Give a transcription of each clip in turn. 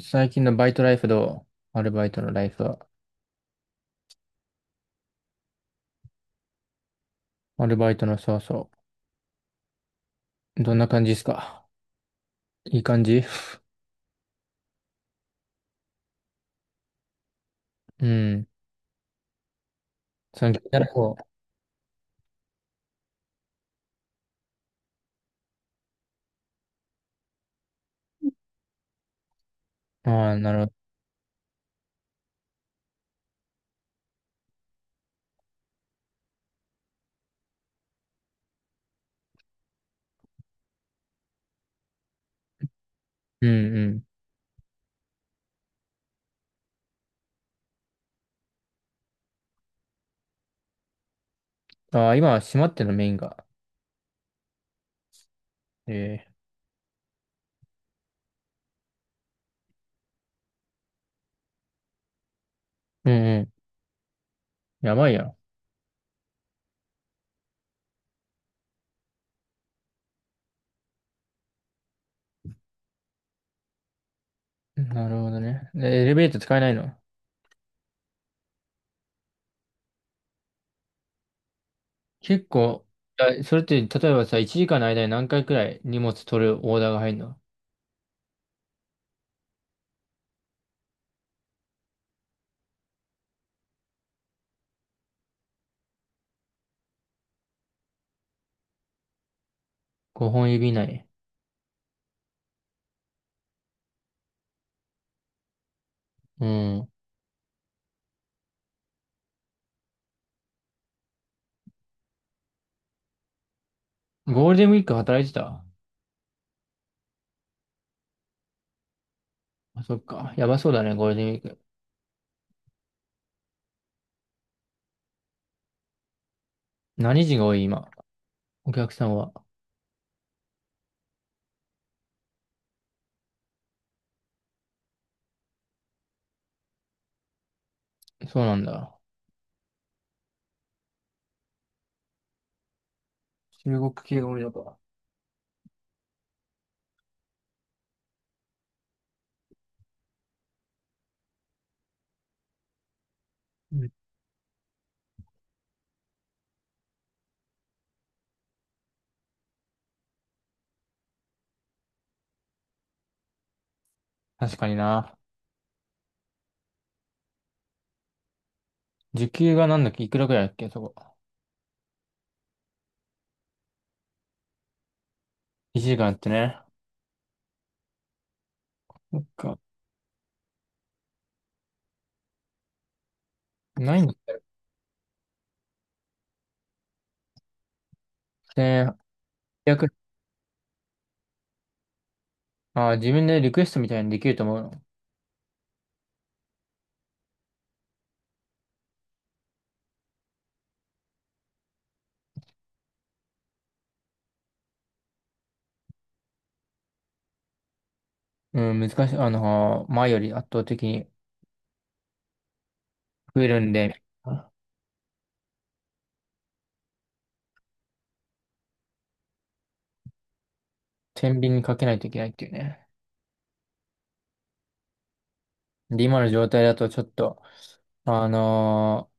最近のバイトライフどうアルバイトのライフは。アルバイトの、そうそう。どんな感じですか？いい感じ。 うん。その気になる方。ああ、なるほど。うんうん。ああ、今は閉まってるの？メインが。ええ、うんうん。やばいやん。なるほどね。でエレベーター使えないの？結構、あ、それって、例えばさ、1時間の間に何回くらい荷物取るオーダーが入るの？ 5 本指以内？うん。ゴールデンウィーク働いてた？あ、そっか。やばそうだね、ゴールデンウィーク。何時が多い、今？お客さんは。そうなんだ。中国系が多いのか。うん、確かにな。時給がなんだっけ、いくらくらいだっけ、そこ。1時間ってね。そっか。ないんだってね。1 0、あー、自分でリクエストみたいにできると思うの？うん、難しい。前より圧倒的に増えるんで、天秤にかけないといけないっていうね。で、今の状態だとちょっと、あの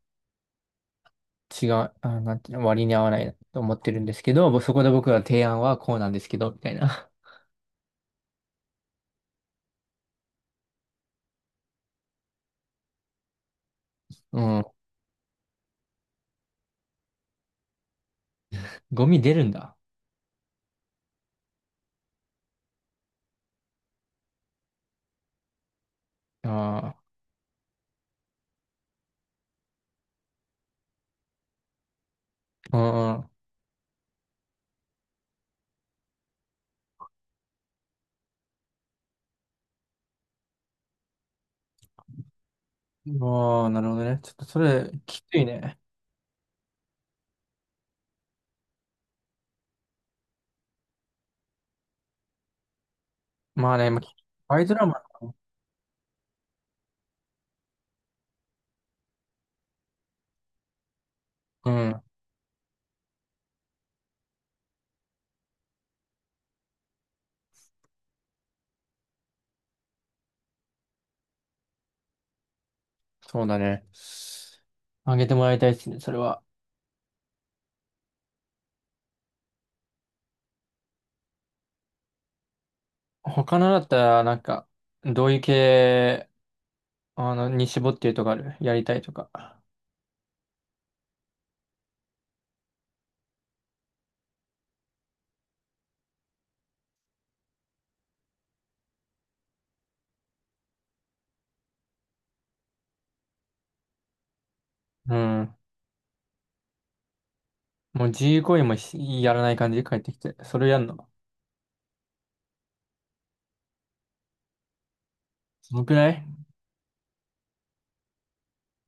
違う、あ、なんていうの、割に合わないと思ってるんですけど、そこで僕は提案はこうなんですけど、みたいな。うん、ゴミ出るんだ。ああ。ああ、ああ、なるほどね。ちょっとそれ、きついね。まあね、まあ、バイドラマうん、そうだね。あげてもらいたいですね、それは。他のだったら、なんか、どういう系、に絞ってるとかある？やりたいとか。うん。もう自由行為もしやらない感じで帰ってきて。それをやるの。そのくらい？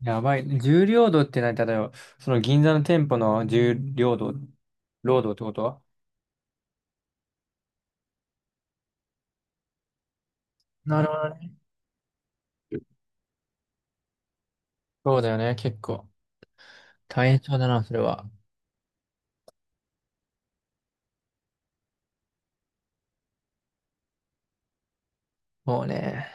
やばい。重労働って何、例えば、その銀座の店舗の重労働、労働ってことは。なるほどね。そうだよね、結構。大変そうだな、それは。もうね。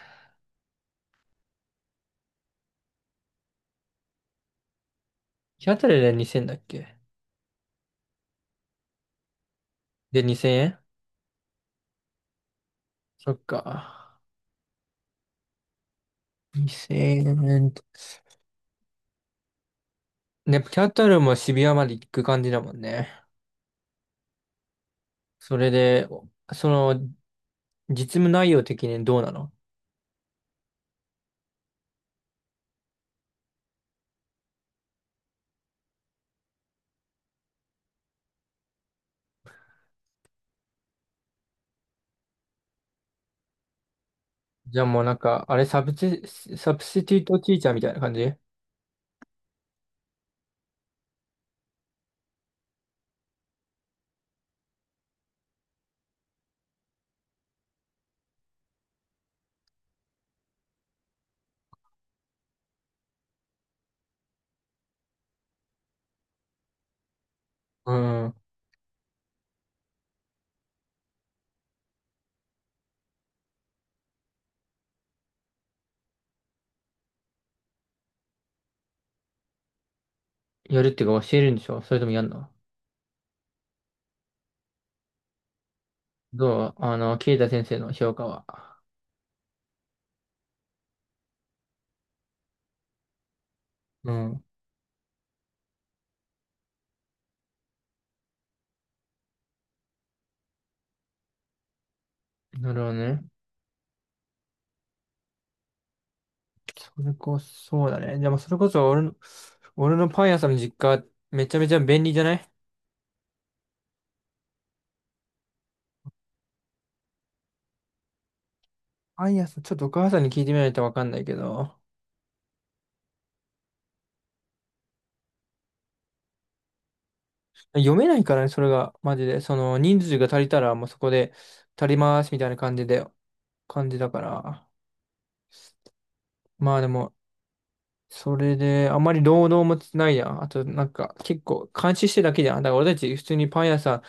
日当たりで2000だっけ？で、2000円？そっか。2000円。ね、キャタルも渋谷まで行く感じだもんね。それで、その、実務内容的にどうなの？じゃあもうなんか、あれサブチ、サブスティートティーチャーみたいな感じ？うん。やるっていうか教えるんでしょ？それともやんの？どう、ケイタ先生の評価は。うん。なるほどね。それこそ、そうだね。でもそれこそ俺の、俺のパン屋さんの実家、めちゃめちゃ便利じゃない？パン屋さん、ちょっとお母さんに聞いてみないとわかんないけど、読めないからね、それが、マジで。その、人数が足りたら、もうそこで足ります、みたいな感じで、感じだから。まあでも、それで、あまり労働もないやん。あと、なんか、結構、監視してるだけじゃん。だから俺たち、普通にパン屋さん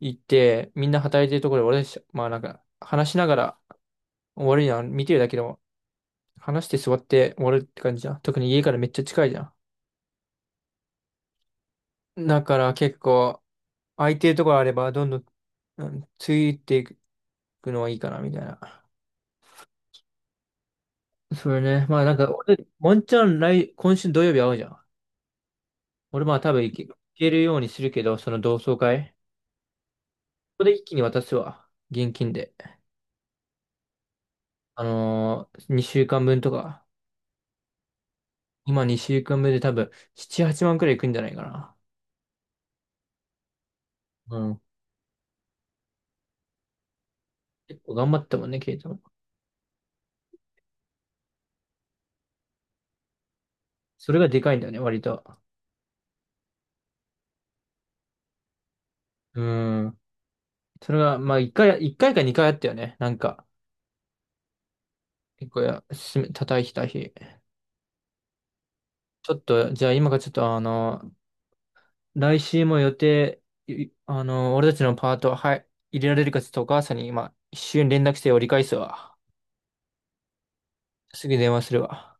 行って、みんな働いてるところで、俺たち、まあなんか、話しながら、終わるやん。見てるだけでも話して座って終わるって感じじゃん。特に家からめっちゃ近いじゃん。だから結構、空いてるところあれば、どんどん、うん、ついていくのはいいかな、みたいな。それね。まあなんか、俺、もんちゃん来、今週土曜日会うじゃん。俺まあ多分行けるようにするけど、その同窓会。ここで一気に渡すわ。現金で。あのー、2週間分とか。今2週間分で多分、7、8万くらいいくんじゃないかな。うん。結構頑張ったもんね、ケイトも。それがでかいんだよね、割と。うん。それが、まあ、一回か二回あったよね。なんか、結構や、すめ叩いた日。ちょっと、じゃあ今からちょっと、あの、来週も予定、いあの、俺たちのパート、はい、入れられるかちょっとお母さんに今、一瞬連絡して折り返すわ。すぐ電話するわ。